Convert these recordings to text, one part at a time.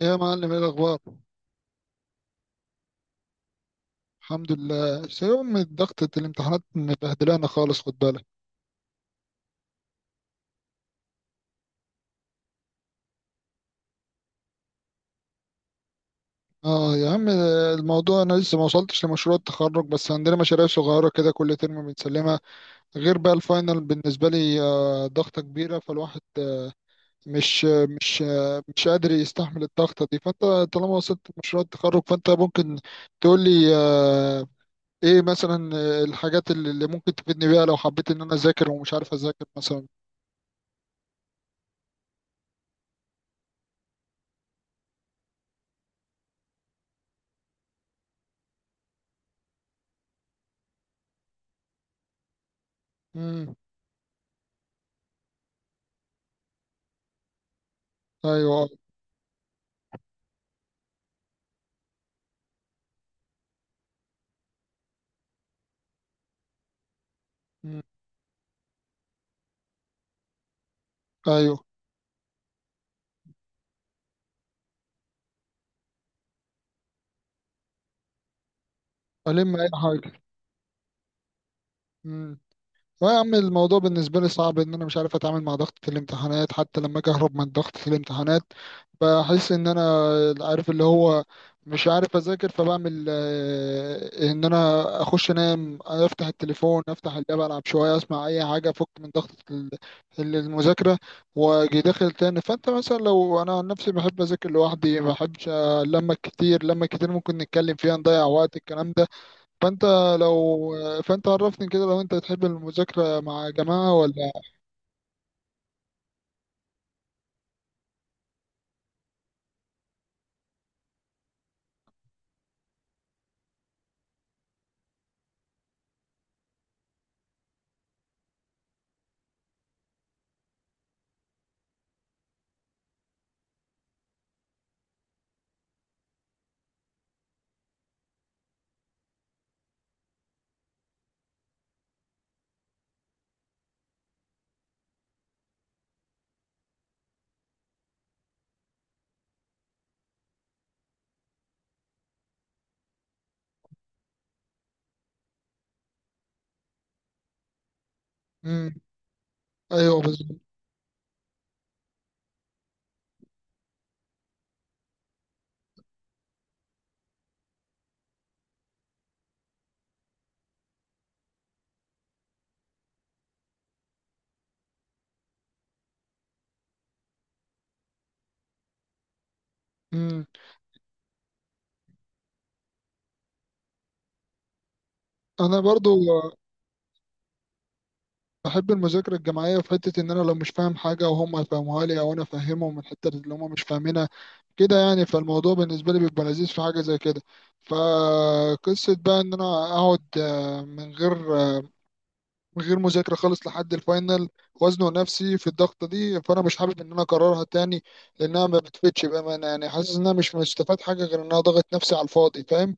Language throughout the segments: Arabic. ايه يا معلم، ايه الاخبار؟ الحمد لله، يوم ضغطة الامتحانات مبهدلانا خالص، خد بالك. اه يا عم. الموضوع انا لسه ما وصلتش لمشروع التخرج، بس عندنا مشاريع صغيرة كده كل ترم بنسلمها. غير بقى الفاينل بالنسبة لي، آه، ضغطة كبيرة فالواحد مش قادر يستحمل الضغطة دي. فانت طالما وصلت لمشروع التخرج فانت ممكن تقول لي، ايه مثلا، الحاجات اللي ممكن تفيدني بيها لو حبيت ان انا اذاكر ومش عارف اذاكر مثلا. امم. ايوه. آه. مم. ايوه. الم اي حاجه. امم. لا يا عم، الموضوع بالنسبه لي صعب، ان انا مش عارف اتعامل مع ضغطه الامتحانات. حتى لما اجي اهرب من ضغطه الامتحانات بحس ان انا، عارف اللي هو، مش عارف اذاكر، فبعمل ان انا اخش انام، افتح التليفون، افتح اللاب، العب شويه، اسمع اي حاجه، افك من ضغطه المذاكره، واجي داخل تاني. فانت مثلا، لو انا عن نفسي بحب اذاكر لوحدي، ما بحبش لما كتير ممكن نتكلم فيها نضيع وقت، الكلام ده. فانت لو فانت عرفني كده، لو انت تحب المذاكرة مع جماعة ولا؟ امم. ايوه، بالظبط. امم. انا برضو بحب المذاكرة الجماعية في حتة ان انا لو مش فاهم حاجة وهم يفهموها لي، او انا افهمهم من الحتة اللي هم مش فاهمينها، كده يعني. فالموضوع بالنسبة لي بيبقى لذيذ في حاجة زي كده. فقصة بقى ان انا اقعد من غير مذاكرة خالص لحد الفاينل، وزنه نفسي في الضغطة دي، فأنا مش حابب إن أنا أكررها تاني لأنها ما بتفيدش بأمانة. يعني حاسس إن أنا مش مستفاد حاجة، غير إن أنا ضغط نفسي على الفاضي. فاهم؟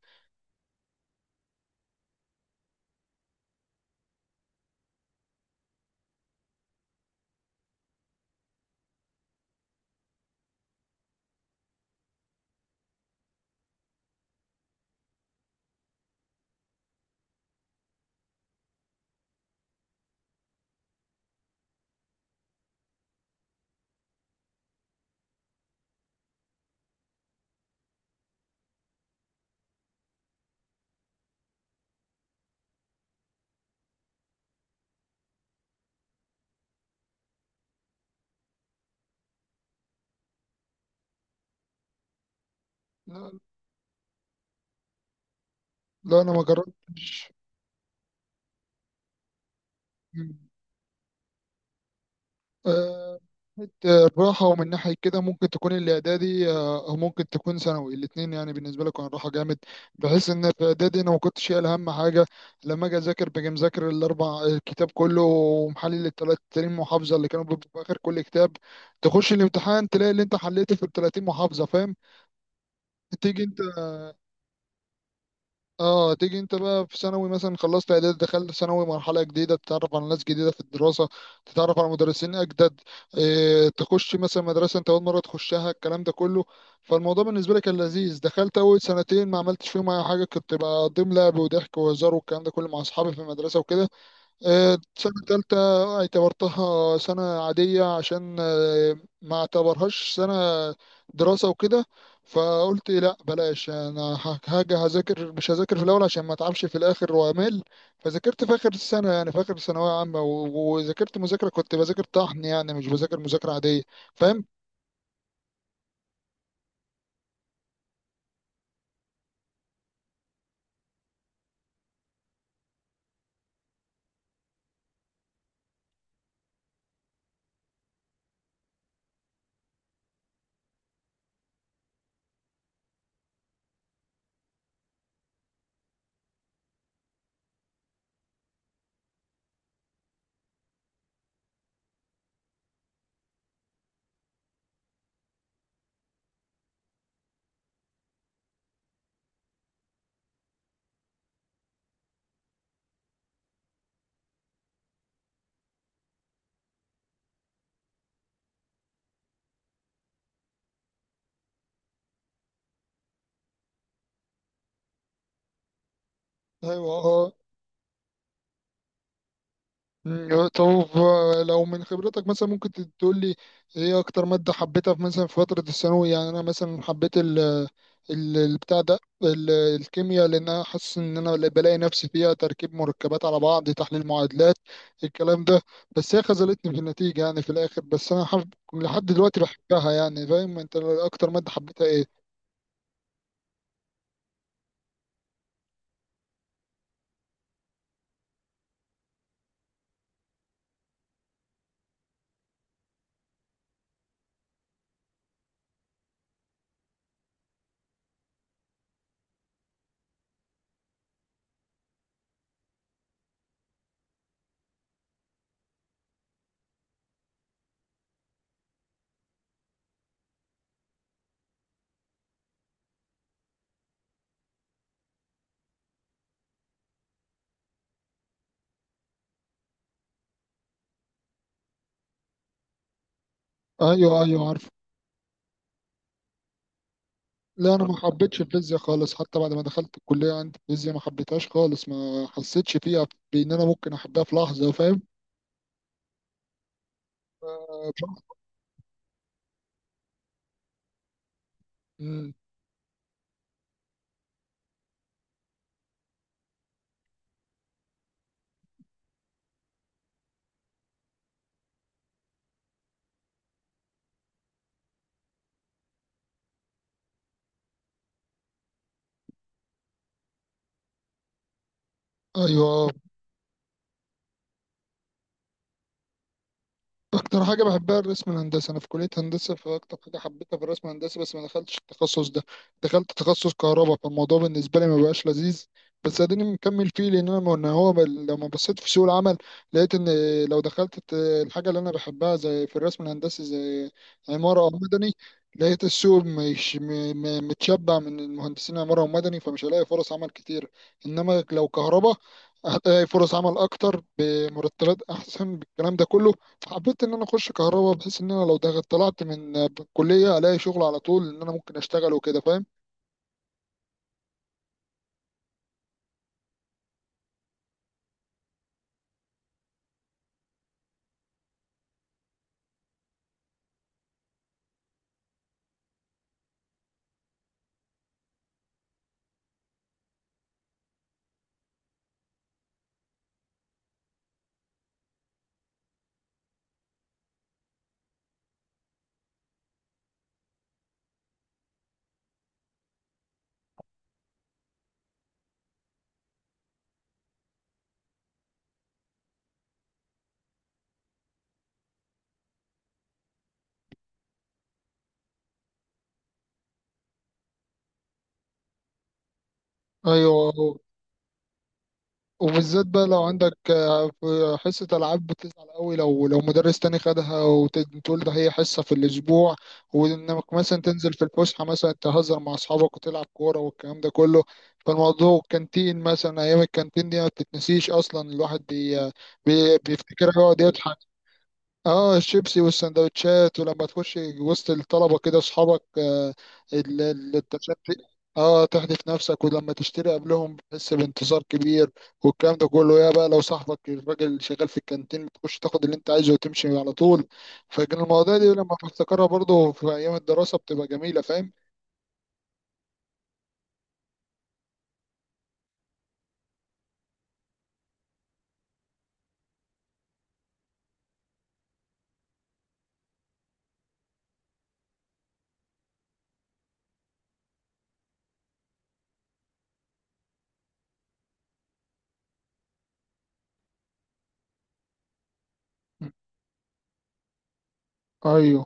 لا. لا، أنا ما جربتش. آه، من ناحية الراحة ومن ناحية كده، ممكن تكون الإعدادي أو ممكن تكون ثانوي. الاتنين يعني بالنسبة لي كان راحة جامد، بحيث إن في إعدادي أنا ما كنتش شايل هم حاجة. لما أجي أذاكر باجي مذاكر الأربع، الكتاب كله، ومحلل 30 محافظة اللي كانوا بيبقوا في آخر كل كتاب. تخش الامتحان تلاقي اللي أنت حليته في ال 30 محافظة، فاهم؟ تيجي. اه تيجي انت بقى في ثانوي، مثلا خلصت اعدادي دخلت ثانوي، مرحله جديده، تتعرف على ناس جديده في الدراسه، تتعرف على مدرسين اجدد، اه تخش مثلا مدرسه انت اول مره تخشها، الكلام ده كله. فالموضوع بالنسبه لي كان لذيذ، دخلت اول سنتين ما عملتش فيهم اي حاجه، كنت بقضيهم لعب وضحك وهزار والكلام ده كله مع اصحابي في المدرسه وكده. سنة تالتة اعتبرتها سنة عادية، عشان ما اعتبرهاش سنة دراسة وكده. فقلت لا بلاش، انا هاجي هذاكر مش هذاكر في الاول عشان ما اتعبش في الاخر وامل. فذاكرت في اخر السنة، يعني في اخر ثانوية عامة، و- وذاكرت مذاكرة، كنت بذاكر طحن يعني، مش بذاكر مذاكرة عادية. فاهم؟ ايوه. مم، طب. لو من خبرتك مثلا ممكن تقول لي، ايه اكتر مادة حبيتها في مثلا في فترة الثانوي؟ يعني انا مثلا حبيت ال- البتاع ده ال- الكيمياء، لان انا حاسس ان انا اللي بلاقي نفسي فيها، تركيب مركبات على بعض، تحليل معادلات، الكلام ده. بس هي خذلتني في النتيجة يعني في الاخر، بس انا حب لحد دلوقتي بحبها يعني. فاهم؟ انت اكتر مادة حبيتها ايه؟ ايوه، ايوه عارف. لا، انا ما حبيتش الفيزياء خالص، حتى بعد ما دخلت الكليه عندي الفيزياء ما حبيتهاش خالص، ما حسيتش فيها بان انا ممكن احبها في لحظه. فاهم؟ بصراحة. مم. ايوه. اكتر حاجه بحبها الرسم الهندسي، انا في كليه هندسه، فاكتر حاجه حبيتها في الرسم الهندسي بس ما دخلتش التخصص ده. دخلت تخصص كهرباء، فالموضوع بالنسبه لي ما بقاش لذيذ، بس اديني مكمل فيه. لان انا لما بصيت في سوق العمل، لقيت ان، لو دخلت الحاجه اللي انا بحبها زي في الرسم الهندسي، زي عماره او مدني، لقيت السوق مش متشبع من المهندسين عماره ومدني، فمش هلاقي فرص عمل كتير. انما لو كهرباء هتلاقي فرص عمل اكتر بمرتبات احسن، بالكلام ده كله حبيت ان انا اخش كهرباء، بحيث ان انا لو دخلت طلعت من الكليه الاقي شغل على طول، ان انا ممكن اشتغل وكده. فاهم؟ ايوه. وبالذات بقى لو عندك، في حصه العاب بتزعل قوي لو مدرس تاني خدها وتقول، ده هي حصه في الاسبوع، وانك مثلا تنزل في الفسحه مثلا تهزر مع اصحابك وتلعب كوره والكلام ده كله. فالموضوع كانتين مثلا، ايام الكانتين دي ما بتتنسيش اصلا، الواحد بيفتكرها يقعد يضحك. اه، الشيبسي والسندوتشات. ولما تخش وسط الطلبة كده اصحابك، التشتي. اه تحدف نفسك، ولما تشتري قبلهم بتحس بانتصار كبير والكلام ده كله. يا بقى لو صاحبك الراجل شغال في الكانتين، بتخش تاخد اللي انت عايزه وتمشي على طول. فكان المواضيع دي لما بفتكرها برضه في ايام الدراسة بتبقى جميلة. فاهم؟ ايوه.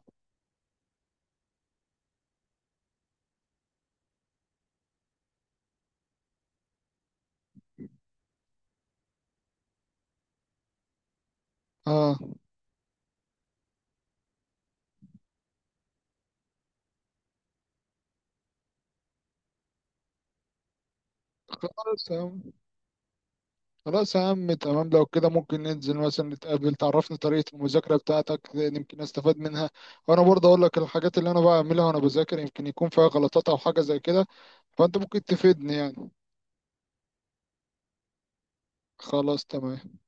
اه. خلاص. خلاص يا عم، تمام. لو كده ممكن ننزل مثلا نتقابل، تعرفني طريقة المذاكرة بتاعتك، لأن يمكن استفاد منها، وانا برضه اقول لك الحاجات اللي انا بعملها وانا بذاكر، يمكن يكون فيها غلطات او حاجة زي كده. فانت ممكن تفيدني يعني. خلاص، تمام.